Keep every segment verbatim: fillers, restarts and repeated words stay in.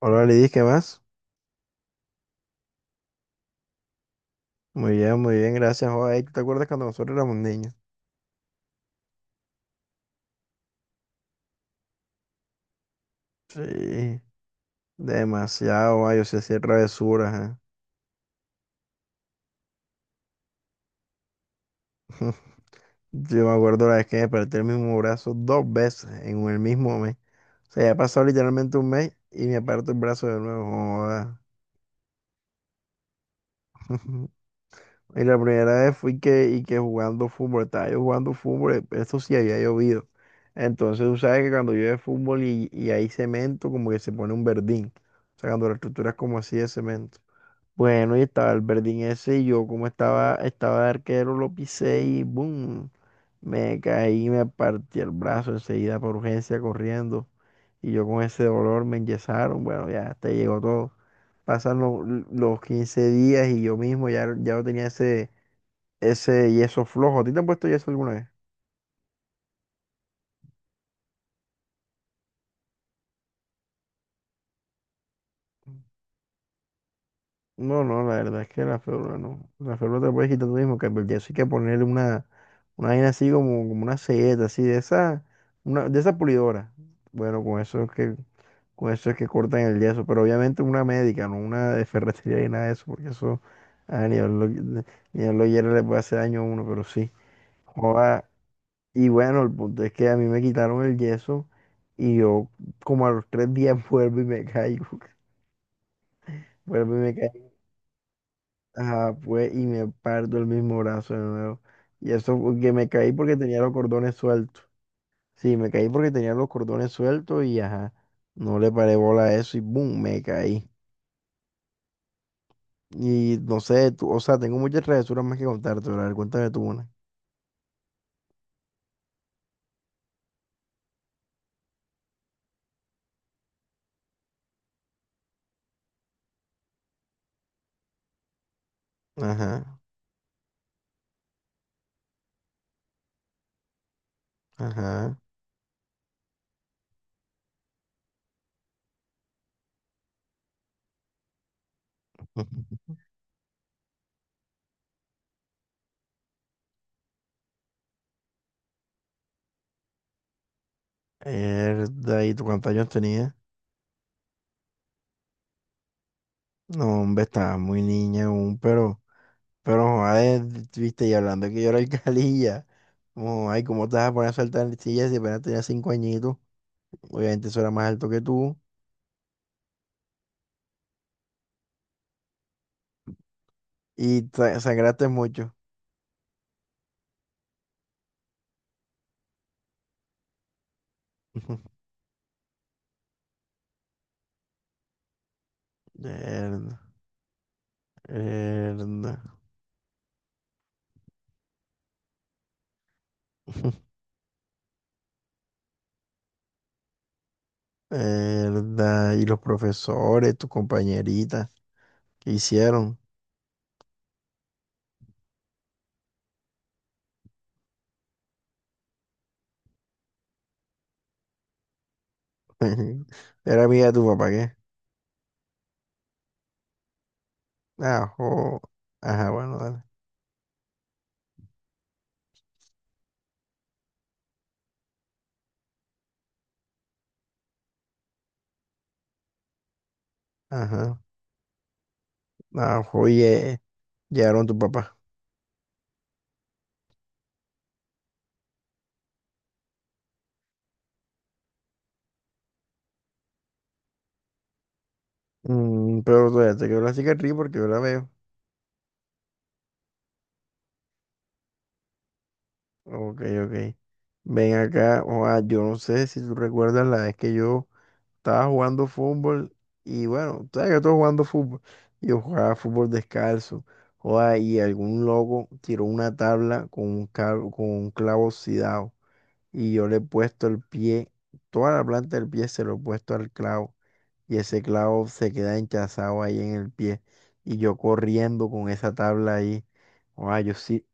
Hola Lidis, ¿qué más? Muy bien, muy bien, gracias. Joder, ¿tú te acuerdas cuando nosotros éramos niños? Sí, demasiado, ma, yo sé hacer travesuras. ¿Eh? Yo me acuerdo la vez que me desperté el mismo brazo dos veces en el mismo mes. O sea, ya ha pasado literalmente un mes y me aparto el brazo de nuevo. joda. Y la primera vez fui que, y que jugando fútbol, estaba yo jugando fútbol, esto sí había llovido. Entonces tú sabes que cuando llueve fútbol y, y hay cemento, como que se pone un verdín. O sea, cuando la estructura es como así de cemento. Bueno, y estaba el verdín ese y yo como estaba, estaba de arquero, lo pisé y ¡boom! Me caí, y me partí el brazo enseguida por urgencia corriendo. Y yo con ese dolor me enyesaron. Bueno, ya hasta ahí llegó todo. Pasan lo- los quince días y yo mismo ya, ya no tenía ese ese yeso flojo. ¿A ti te han puesto yeso alguna vez? No, no, la verdad es que la férula no. La férula te la puedes quitar tú mismo, que el yeso hay que ponerle una, una vaina así como, como una selleta, así de esa, una, de esa pulidora. Bueno, con eso es que, con eso es que cortan el yeso, pero obviamente una médica, no una de ferretería y nada de eso, porque eso ah, ni lo, ni a los hierros le puede hacer daño a uno, pero sí. Joda, y bueno, el punto es que a mí me quitaron el yeso y yo como a los tres días vuelvo y me caigo. Vuelvo y me caí. Ajá, pues, y me parto el mismo brazo de nuevo. Y eso porque me caí porque tenía los cordones sueltos. Sí, me caí porque tenía los cordones sueltos y ajá, no le paré bola a eso y boom, me caí. Y no sé, tú, o sea, tengo muchas travesuras más que contarte, pero cuéntame tú una. Ajá, ajá. Mierda, ¿y tú cuántos años tenías? No, hombre, estaba muy niña aún, pero, pero, joder, viste, y hablando de que yo era el calilla. Oh, ay, ¿cómo te vas a poner a saltar en sillas si apenas tenías cinco añitos? Obviamente eso era más alto que tú. Y tra- sangraste mucho. Verdad, verdad, verdad. Y los profesores, tus compañeritas, ¿qué hicieron? Era amiga de tu papá, ¿qué? Ajo. Ajá, bueno, dale. Ajá. Ajo, y eh, llegaron tu papá. Mm, pero todavía te quedó la cicatriz porque yo la veo. Ok, ok. Ven acá, o ah, yo no sé si tú recuerdas la vez que yo estaba jugando fútbol y bueno, tú sabes que estoy jugando fútbol. Yo jugaba fútbol descalzo. O ah, y algún loco tiró una tabla con un cabo- con un clavo oxidado y yo le he puesto el pie, toda la planta del pie se lo he puesto al clavo y ese clavo se queda hinchazado ahí en el pie y yo corriendo con esa tabla ahí. O ah, yo sí,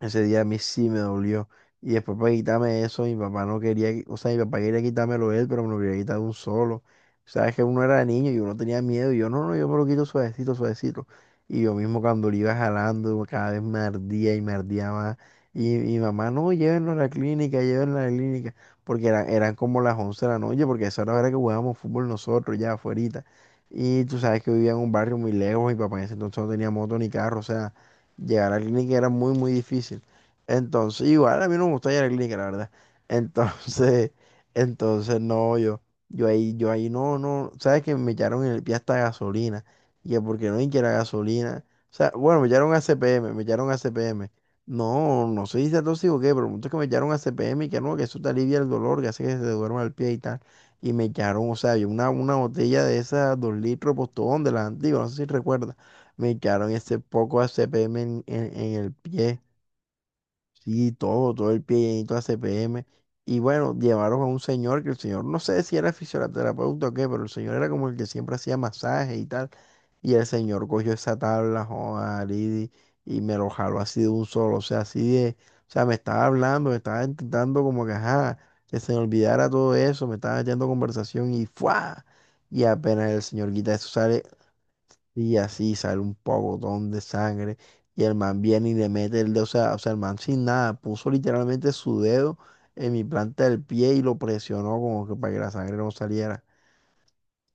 ese día a mí sí me dolió. Y después para quitarme eso, mi papá no quería, qui-, o sea, mi papá quería quitármelo él, pero me lo quería quitar de un solo. Sabes que uno era niño y uno tenía miedo y yo, no, no, yo me lo quito suavecito, suavecito. Y yo mismo cuando lo iba jalando, cada vez me ardía y me ardía más. Y mi mamá, no, llévenlo a la clínica, llévenlo a la clínica. Porque eran, eran como las once de la noche, porque esa era la hora que jugábamos fútbol nosotros ya afuera. Y tú sabes que vivía en un barrio muy lejos, mi papá en ese entonces no tenía moto ni carro, o sea. Llegar a la clínica era muy, muy difícil. Entonces, igual a mí no me gusta llegar a la clínica, la verdad. Entonces, entonces no, yo, yo ahí, yo ahí no, no, sabes que me echaron en el pie hasta gasolina. Y que porque no, y que la gasolina. O sea, bueno, me echaron a C P M, me echaron a C P M. No, no sé si sea tóxico o qué, pero el punto es que me echaron a C P M y que no, que eso te alivia el dolor, que hace que se te duerma el pie y tal. Y me echaron, o sea, había una, una botella de esas dos litros postón de las antiguas, no sé si recuerdas. Me quedaron ese poco A C P M en, en, en el pie. Sí, todo, todo el pie llenito de A C P M. Y bueno, llevaron a un señor que el señor, no sé si era fisioterapeuta o qué, pero el señor era como el que siempre hacía masajes y tal. Y el señor cogió esa tabla, joda, Lidi, y me lo jaló así de un solo. O sea, así de, o sea, me estaba hablando, me estaba intentando como que, ajá, que se me olvidara todo eso, me estaba echando conversación y ¡fua! Y apenas el señor quita eso, sale y así sale un pogotón de sangre. Y el man viene y le mete el dedo. O sea, o sea, el man sin nada. Puso literalmente su dedo en mi planta del pie y lo presionó como que para que la sangre no saliera.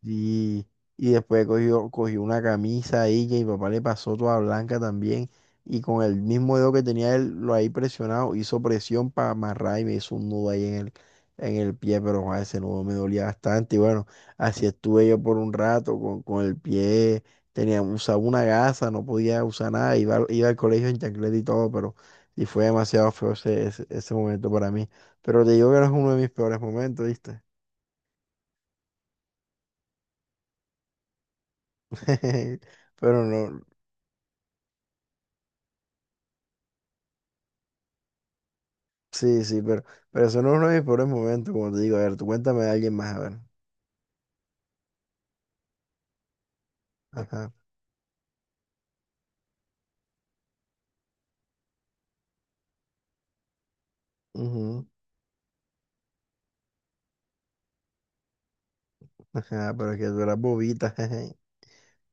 Y, y después cogió, cogió una camisa ahí que mi papá le pasó toda blanca también. Y con el mismo dedo que tenía él, lo ahí presionado, hizo presión para amarrar y me hizo un nudo ahí en el, en el pie, pero joder, ese nudo me dolía bastante. Y bueno, así estuve yo por un rato con, con el pie, tenía, usaba una gasa, no podía usar nada, iba, al- iba al colegio en chancleta y todo, pero y fue demasiado feo ese, ese, ese momento para mí. Pero te digo que no es uno de mis peores momentos, ¿viste? Pero no. Sí, sí, pero, pero eso no es uno de mis peores momentos, como te digo. A ver, tú cuéntame de alguien más, a ver. Ajá. Ujú, ajá, pero es que tú eras bobita, jeje.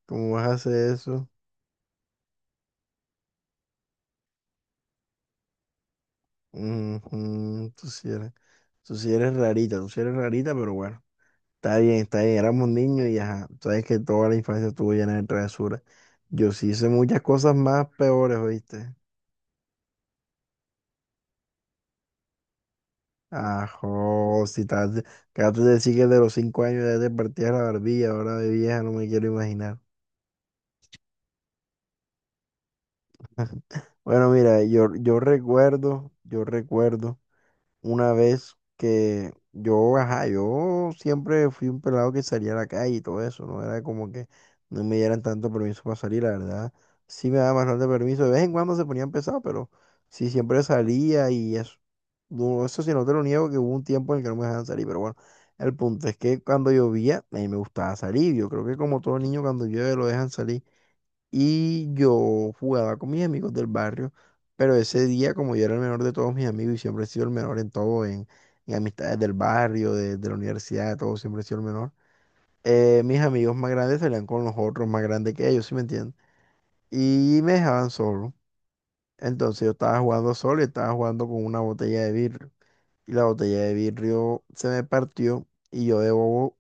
¿Cómo vas a hacer eso? Ujú, tú sí eres, tú sí eres rarita, tú sí eres rarita, pero bueno. Está bien, está bien, éramos niños y ajá. Tú sabes que toda la infancia estuvo llena de travesuras. Yo sí hice muchas cosas más peores, ¿oíste? Ajo, si estás, acabaste de decir que de los cinco años ya te partías la barbilla, ahora de vieja no me quiero imaginar. Bueno, mira, yo, yo recuerdo, yo recuerdo una vez que yo, ajá, yo siempre fui un pelado que salía a la calle y todo eso, ¿no? Era como que no me dieran tanto permiso para salir, la verdad. Sí me daban bastante permiso, de vez en cuando se ponían pesados, pero sí siempre salía y eso. No, eso sí, no te lo niego que hubo un tiempo en el que no me dejaban salir, pero bueno, el punto es que cuando llovía, a mí me gustaba salir. Yo creo que como todo niño cuando llueve lo dejan salir. Y yo jugaba con mis amigos del barrio, pero ese día, como yo era el menor de todos mis amigos y siempre he sido el menor en todo, en, en amistades del barrio, de, de la universidad, de todo, siempre he sido el menor, eh, mis amigos más grandes salían con los otros más grandes que ellos, ¿si me entiendes? Y me dejaban solo. Entonces yo estaba jugando solo y estaba jugando con una botella de vidrio. Y la botella de vidrio se me partió y yo de bobo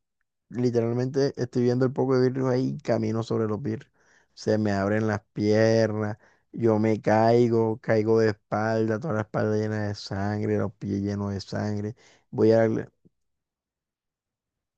literalmente estoy viendo el poco de vidrio ahí y camino sobre los vidrios. Se me abren las piernas, yo me caigo, caigo de espalda, toda la espalda llena de sangre, los pies llenos de sangre. Voy a,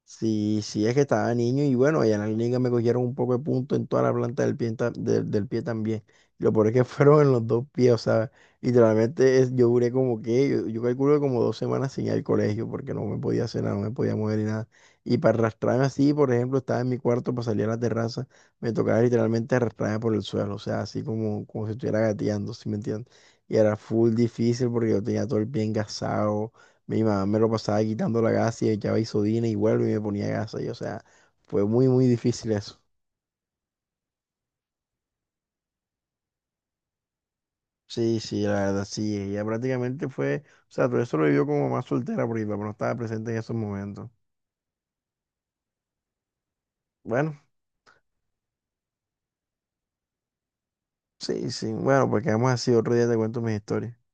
sí, sí, es que estaba niño y bueno, allá en la liga me cogieron un poco de punto en toda la planta del pie, ta- del, del pie también. Lo peor es que fueron en los dos pies, o sea, literalmente es- yo duré como que, yo, yo calculo que como dos semanas sin ir al colegio porque no me podía hacer nada, no me podía mover ni nada. Y para arrastrarme así, por ejemplo, estaba en mi cuarto para salir a la terraza, me tocaba literalmente arrastrarme por el suelo, o sea, así como, como si estuviera gateando, ¿sí me entiendes? Y era full difícil porque yo tenía todo el pie engasado, mi mamá me lo pasaba quitando la gasa y echaba isodina y vuelvo y me ponía gasa. Y, o sea, fue muy, muy difícil eso. Sí, sí, la verdad, sí. Ella prácticamente fue, o sea, todo eso lo vivió como mamá soltera porque mi papá no estaba presente en esos momentos. Bueno, sí, sí. Bueno, pues quedamos así. Otro día te cuento mis historias.